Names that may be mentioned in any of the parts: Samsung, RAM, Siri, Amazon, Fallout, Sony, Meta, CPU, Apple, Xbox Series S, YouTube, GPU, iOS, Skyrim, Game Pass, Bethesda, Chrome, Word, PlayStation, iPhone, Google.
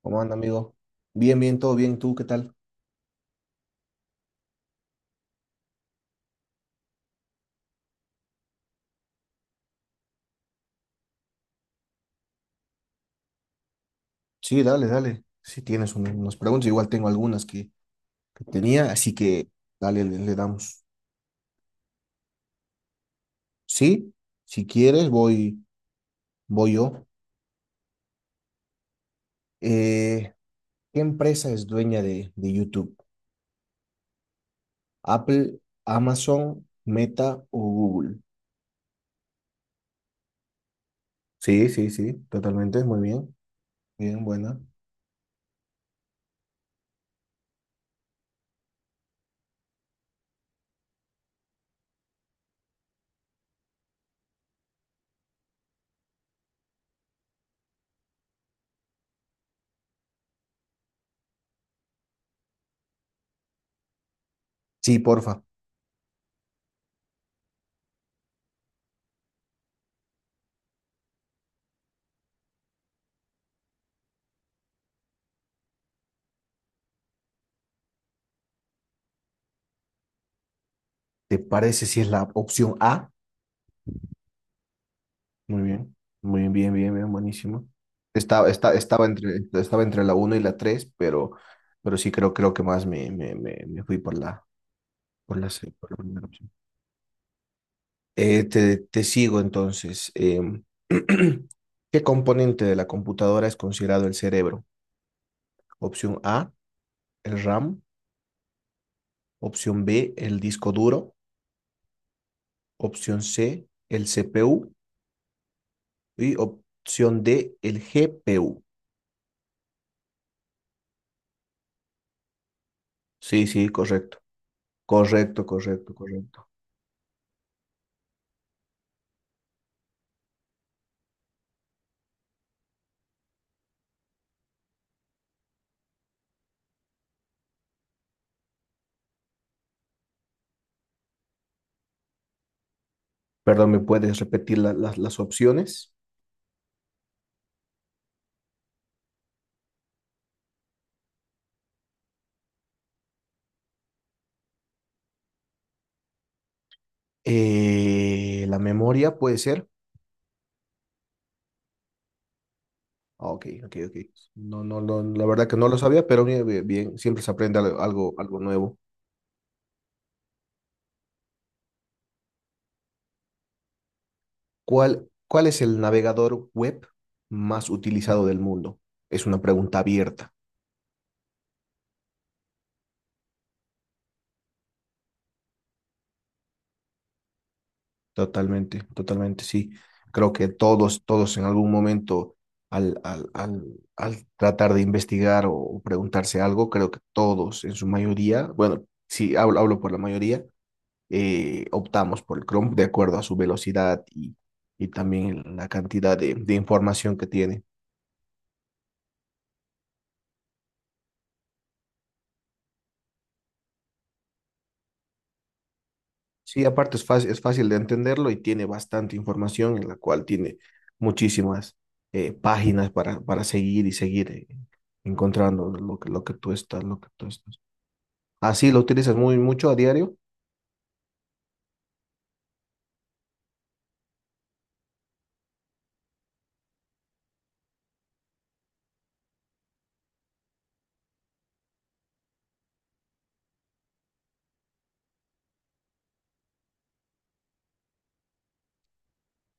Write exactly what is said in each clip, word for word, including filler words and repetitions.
¿Cómo anda, amigo? Bien, bien, todo bien. ¿Tú qué tal? Sí, dale, dale. Si tienes un- unas preguntas, igual tengo algunas que, que tenía, así que dale, le, le damos. Sí, si quieres, voy, voy yo. Eh, ¿Qué empresa es dueña de, de YouTube? ¿Apple, Amazon, Meta o Google? Sí, sí, sí, totalmente. Muy bien. Bien, buena. Sí, porfa. ¿Te parece si es la opción A? Muy bien, muy bien, bien, bien, bien, buenísimo. Estaba, esta- estaba entre, estaba entre la uno y la tres, pero, pero sí creo, creo que más me, me, me, me fui por la, por la, C, por la primera opción. Eh, te, te sigo entonces. Em, ¿qué componente de la computadora es considerado el cerebro? Opción A, el RAM. Opción B, el disco duro. Opción C, el C P U. Y opción D, el G P U. Sí, sí, correcto. Correcto, correcto, correcto. Perdón, ¿me puedes repetir la- las las opciones? Eh, la memoria puede ser. Ah, ok, ok, ok. No, no, no, la verdad que no lo sabía, pero bien, bien, bien, siempre se aprende al- algo, algo nuevo. ¿Cuál, cuál es el navegador web más utilizado del mundo? Es una pregunta abierta. Totalmente, totalmente, sí. Creo que todos, todos en algún momento, al, al, al, al tratar de investigar o preguntarse algo, creo que todos en su mayoría, bueno, sí, hablo, hablo por la mayoría, eh, optamos por el Chrome de acuerdo a su velocidad y, y también la cantidad de, de información que tiene. Sí, aparte es fácil, es fácil de entenderlo y tiene bastante información en la cual tiene muchísimas eh, páginas para, para seguir y seguir eh, encontrando lo que, lo que tú estás, lo que tú estás. Así lo utilizas muy mucho a diario.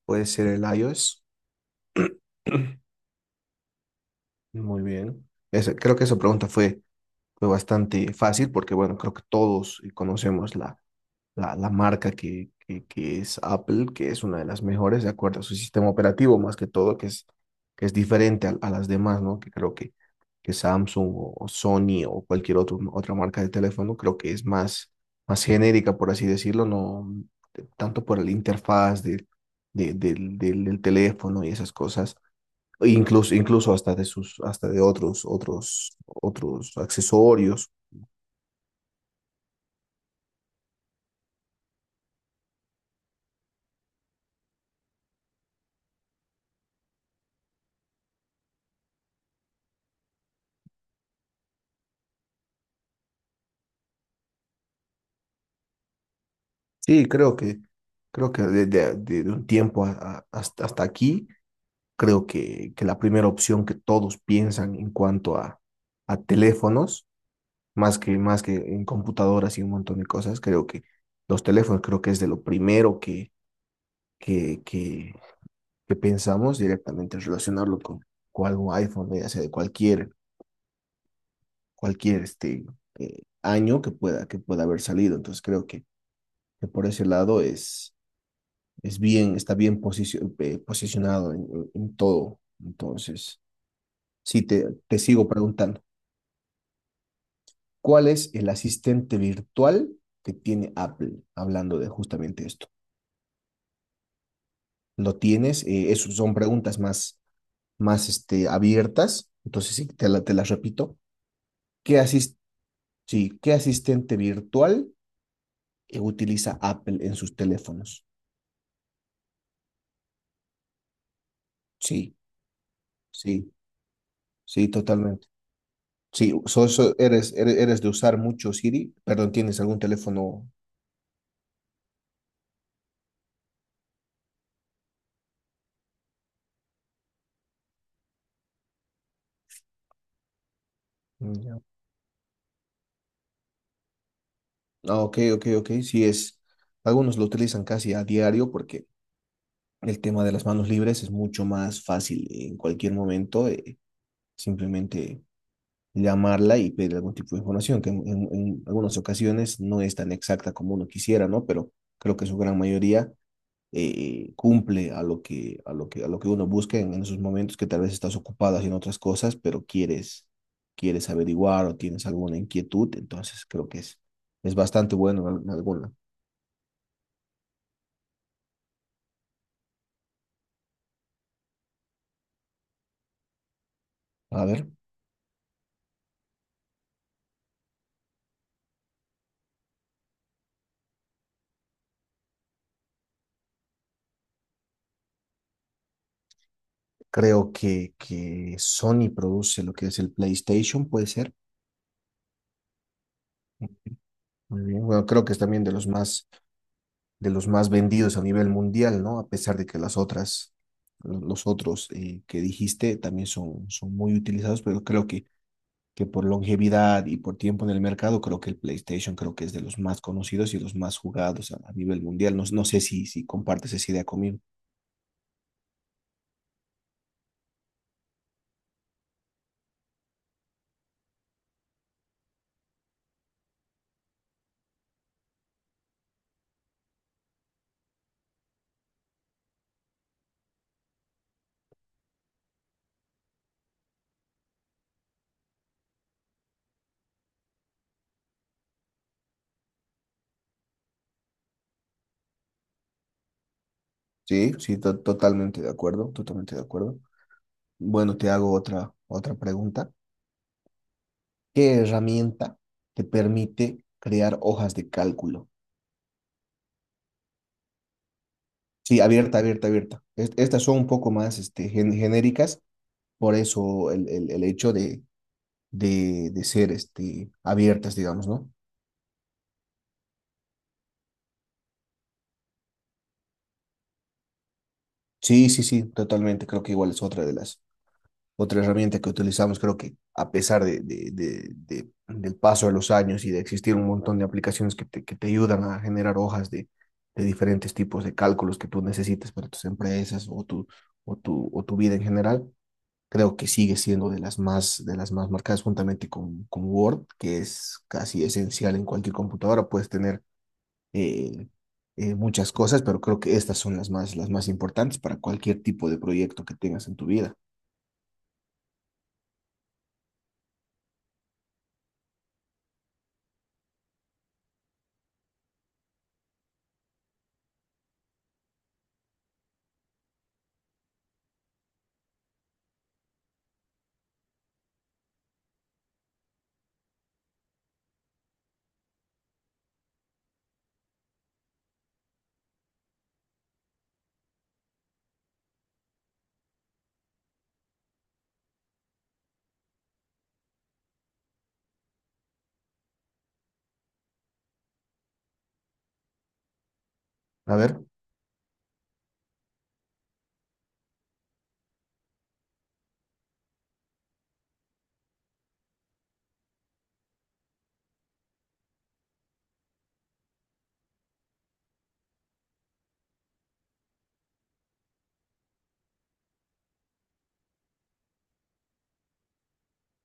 Puede ser el iOS. Muy bien. Esa- creo que esa pregunta fue, fue bastante fácil porque, bueno, creo que todos conocemos la, la, la marca que, que, que es Apple, que es una de las mejores de acuerdo a su sistema operativo, más que todo, que es, que es diferente a, a las demás, ¿no? Que creo que, que Samsung o, o Sony o cualquier otro, otra marca de teléfono, creo que es más, más genérica, por así decirlo, no tanto por la interfaz de, de- del, del, del teléfono y esas cosas. e Incluso, incluso hasta de sus, hasta de otros, otros, otros accesorios. Sí, creo que, creo que de, de- de un tiempo a- a- hasta, hasta aquí, creo que, que la primera opción que todos piensan en cuanto a, a teléfonos, más que, más que en computadoras y un montón de cosas, creo que los teléfonos creo que es de lo primero que, que, que, que pensamos directamente relacionarlo con, con algún iPhone, ¿no? Ya sea de cualquier, cualquier este, eh, año que pueda, que pueda haber salido. Entonces creo que, que por ese lado es es bien, está bien posicio- eh, posicionado en, en- en todo. Entonces, sí, te, te sigo preguntando, ¿cuál es el asistente virtual que tiene Apple? Hablando de justamente esto. ¿Lo tienes? Eh, eso son preguntas más, más este, abiertas. Entonces, sí, te la- te las repito. ¿Qué asis- sí, ¿qué asistente virtual eh, utiliza Apple en sus teléfonos? Sí, sí, sí, totalmente. Sí, so- so- eres, eres, eres de usar mucho Siri. Perdón, ¿tienes algún teléfono? Ya. Ah, ok, ok, ok. Sí es. Algunos lo utilizan casi a diario porque el tema de las manos libres es mucho más fácil en cualquier momento. Eh, simplemente llamarla y pedir algún tipo de información, que en, en- en algunas ocasiones no es tan exacta como uno quisiera, ¿no? Pero creo que su gran mayoría eh, cumple a lo que, a lo que, a lo que uno busca en, en esos momentos que tal vez estás ocupado haciendo otras cosas, pero quieres, quieres averiguar o tienes alguna inquietud, entonces creo que es, es bastante bueno en alguna. A ver, creo que, que Sony produce lo que es el PlayStation, puede ser. Muy bien. Bueno, creo que es también de los más, de los más vendidos a nivel mundial, ¿no? A pesar de que las otras, lo- los otros eh, que dijiste también son, son muy utilizados, pero creo que que por longevidad y por tiempo en el mercado, creo que el PlayStation creo que es de los más conocidos y los más jugados a, a nivel mundial. No, no sé si, si compartes esa idea conmigo. Sí, sí, to- totalmente de acuerdo, totalmente de acuerdo. Bueno, te hago otra, otra pregunta. ¿Qué herramienta te permite crear hojas de cálculo? Sí, abierta, abierta, abierta. Es- estas son un poco más este, gen- genéricas, por eso el, el, el hecho de, de, de ser este, abiertas, digamos, ¿no? Sí, sí, sí, totalmente. Creo que igual es otra de las. Otra herramienta que utilizamos, creo que a pesar de, de- de- de- del paso de los años y de existir un montón de aplicaciones que te, que te ayudan a generar hojas de, de diferentes tipos de cálculos que tú necesites para tus empresas o tu, o tu, o tu vida en general, creo que sigue siendo de las más, de las más marcadas juntamente con, con Word, que es casi esencial en cualquier computadora. Puedes tener eh, eh, muchas cosas, pero creo que estas son las más, las más importantes para cualquier tipo de proyecto que tengas en tu vida. A ver.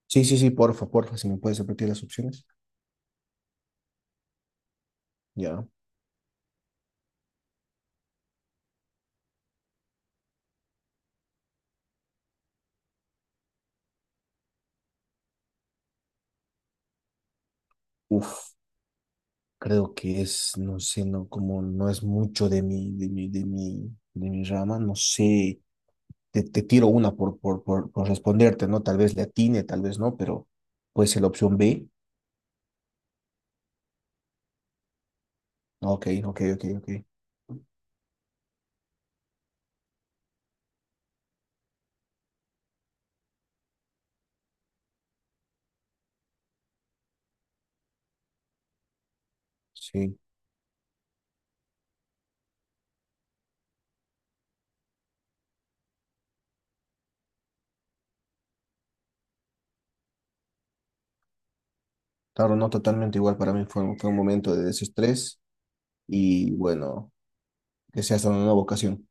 Sí, sí, sí, porfa, porfa, si me puedes repetir las opciones. Ya. Uf, creo que es, no sé, no, como no es mucho de mi, de mi, de mi, de mi rama, no sé. Te, te tiro una por, por, por, por responderte, ¿no? Tal vez le atine, tal vez no, pero puede ser la opción B. Ok, ok, ok, ok. Sí. Claro, no totalmente igual para mí. Fue, un- fue un momento de desestrés y bueno, que sea hasta una nueva ocasión.